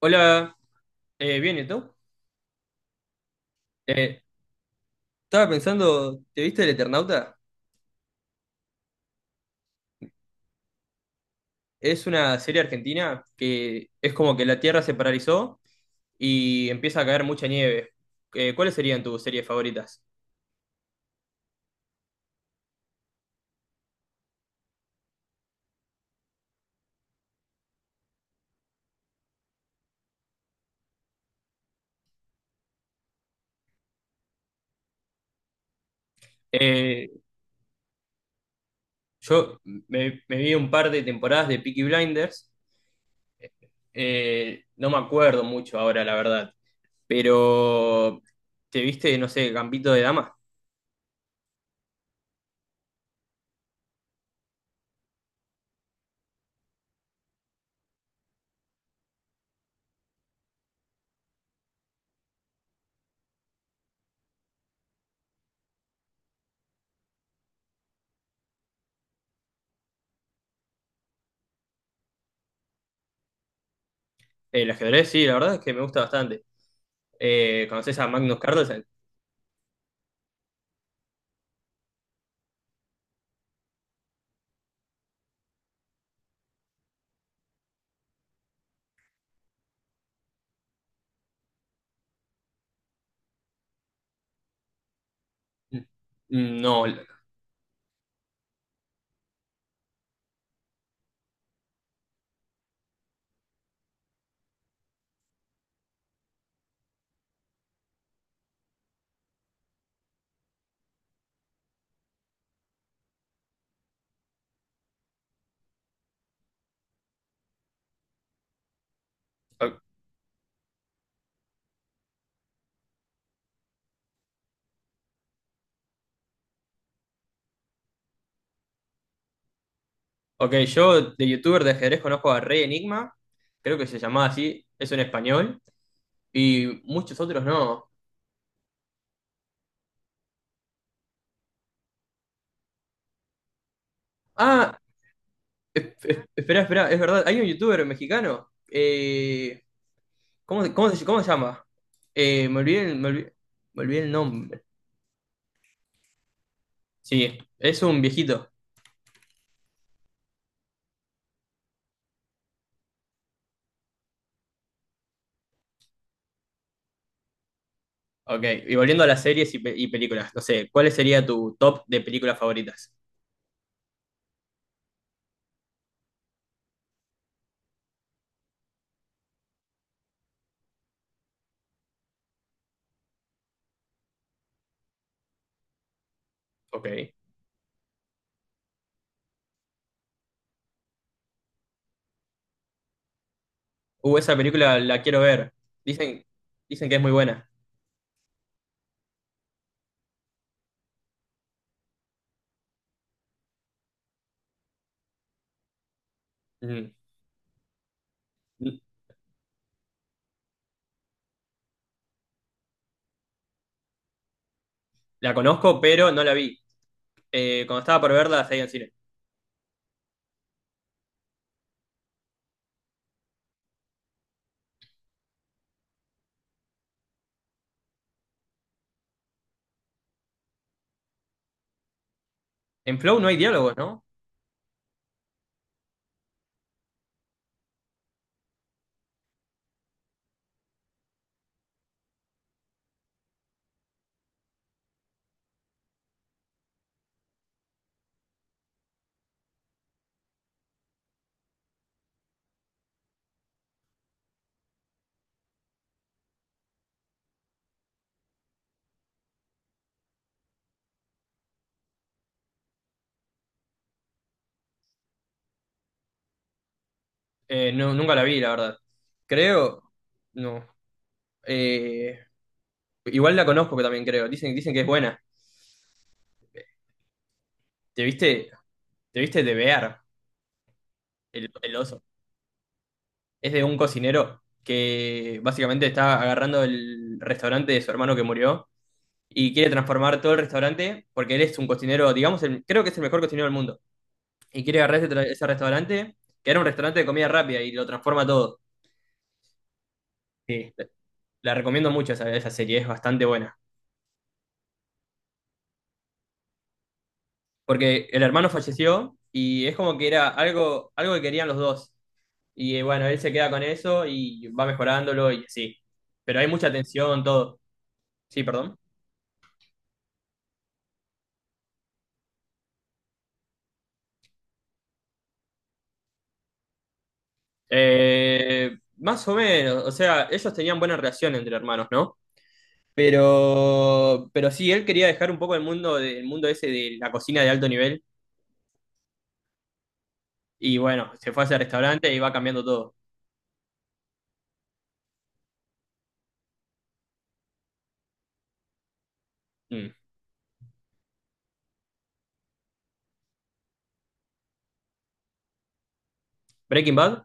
Hola, bien, ¿y tú? Eh, Estaba pensando, ¿te viste El Eternauta? Es una serie argentina que es como que la Tierra se paralizó y empieza a caer mucha nieve. ¿Cuáles serían tus series favoritas? Eh, yo me vi un par de temporadas de Peaky Blinders, no me acuerdo mucho ahora, la verdad, pero ¿te viste, no sé, Gambito de Dama? El ajedrez, sí, la verdad es que me gusta bastante. ¿Conoces a Magnus Carlsen? No, ok, yo de youtuber de ajedrez conozco a Rey Enigma, creo que se llamaba así, es en español, y muchos otros no. Ah, espera, espera, es verdad, hay un youtuber mexicano, ¿cómo, cómo se llama? Me olvidé, me olvidé, me olvidé el nombre. Sí, es un viejito. Ok, y volviendo a las series y, y películas, no sé, ¿cuál sería tu top de películas favoritas? Ok. Esa película la quiero ver, dicen, dicen que es muy buena. Mm. La conozco, pero no la vi. Cuando estaba por verla, la seguía en cine. En Flow no hay diálogos, ¿no? Nunca la vi, la verdad. Creo, no. Eh, Igual la conozco que también creo. Dicen, dicen que es buena. ¿Te viste, te viste de Bear, el oso? Es de un cocinero que básicamente está agarrando el restaurante de su hermano que murió y quiere transformar todo el restaurante porque él es un cocinero, digamos, creo que es el mejor cocinero del mundo. Y quiere agarrar ese, ese restaurante, que era un restaurante de comida rápida y lo transforma todo. Sí. La recomiendo mucho esa, esa serie, es bastante buena. Porque el hermano falleció y es como que era algo, algo que querían los dos. Y bueno, él se queda con eso y va mejorándolo y así. Pero hay mucha tensión, todo. Sí, perdón. Más o menos, o sea, ellos tenían buena relación entre hermanos, ¿no? Pero sí, él quería dejar un poco el mundo, el mundo ese de la cocina de alto nivel. Y bueno, se fue a ese restaurante y va cambiando todo. Mm. Breaking Bad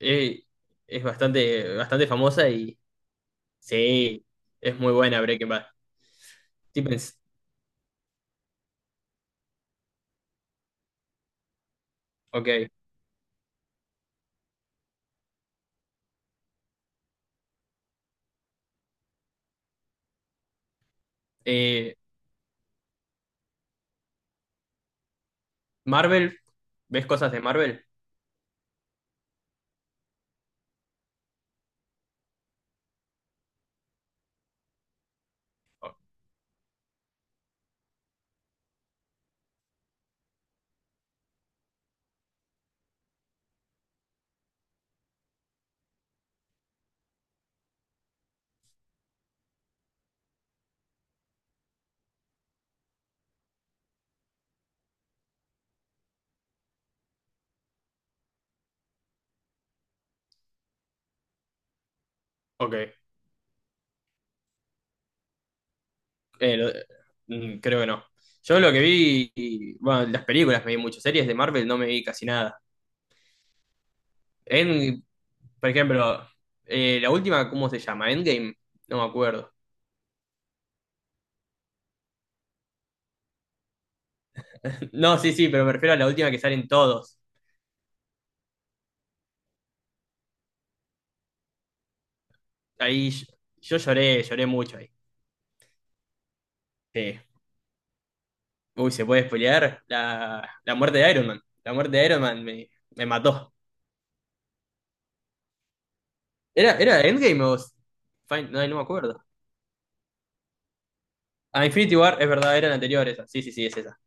eh, es bastante, bastante famosa y sí, es muy buena Breaking Bad. Stevens, ok. Eh, Marvel, ¿ves cosas de Marvel? Ok. Eh, lo- mm, creo que no. Yo lo que vi, y, bueno, las películas me vi mucho, series de Marvel no me vi casi nada. En, por ejemplo, la última, ¿cómo se llama? Endgame, no me acuerdo. No, sí, sí, pero me refiero a la última que salen todos. Ahí yo lloré, lloré mucho ahí. Sí. Uy, ¿se puede spoilear? La muerte de Iron Man. La muerte de Iron Man me, me mató. ¿Era, era Endgame o Fin- Ay, no me acuerdo. A Infinity War, es verdad, era eran esa sí, sí, sí, es esa.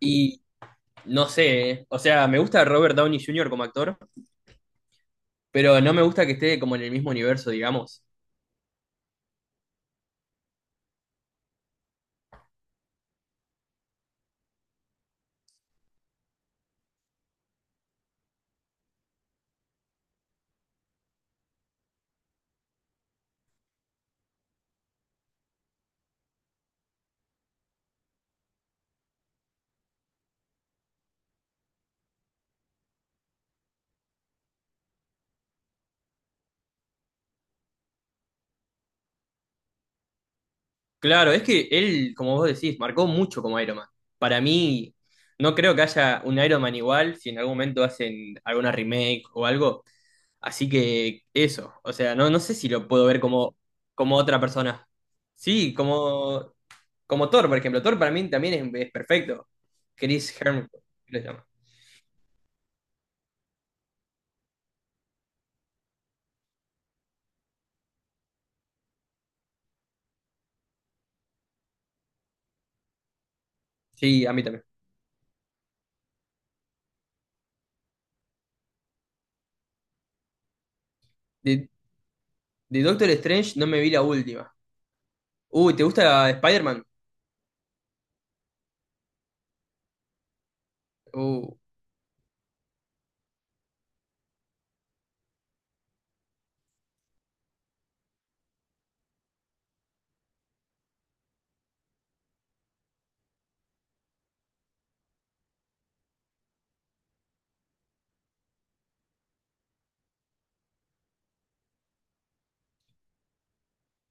Y no sé, o sea, me gusta Robert Downey Jr. como actor, pero no me gusta que esté como en el mismo universo, digamos. Claro, es que él, como vos decís, marcó mucho como Iron Man. Para mí, no creo que haya un Iron Man igual si en algún momento hacen alguna remake o algo. Así que eso, o sea, no, no sé si lo puedo ver como, como otra persona. Sí, como, como Thor, por ejemplo. Thor para mí también es perfecto. Chris Hemsworth, ¿qué le llama? Sí, a mí también. De, de Doctor Strange no me vi la última. Uy, ¿te gusta Spider-Man? Uh,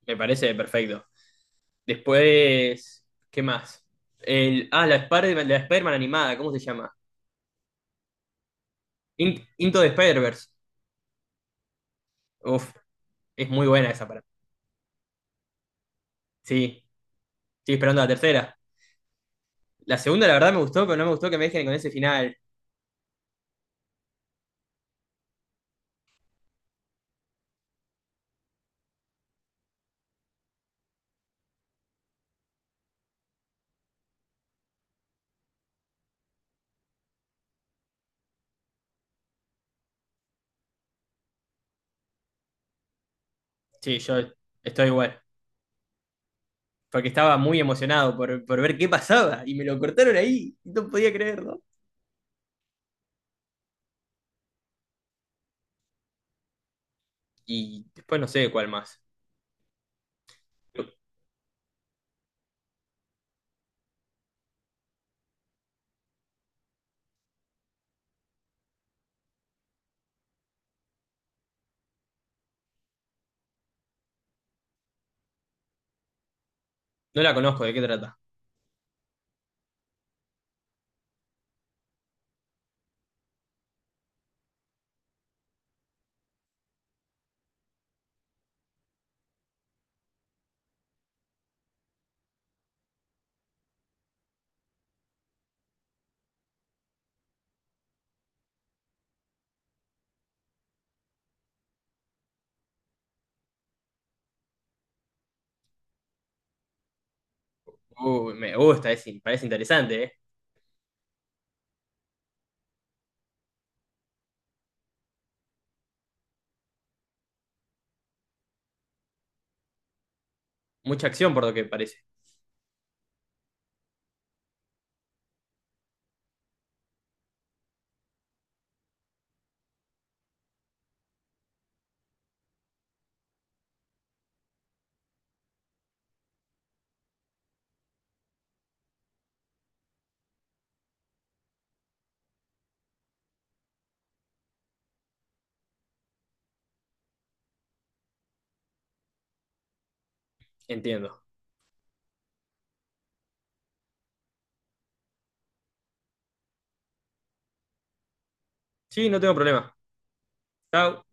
me parece perfecto. Después, ¿qué más? El, ah, la Spider-Man animada, ¿cómo se llama? Into the Spider-Verse. Uf, es muy buena esa para mí. Sí, estoy esperando la tercera. La segunda, la verdad, me gustó, pero no me gustó que me dejen con ese final. Sí, yo estoy igual. Porque estaba muy emocionado por ver qué pasaba. Y me lo cortaron ahí, y no podía creerlo. Y después no sé cuál más. No la conozco, ¿de qué trata? Me gusta, parece interesante, ¿eh? Mucha acción por lo que parece. Entiendo. Sí, no tengo problema. Chao.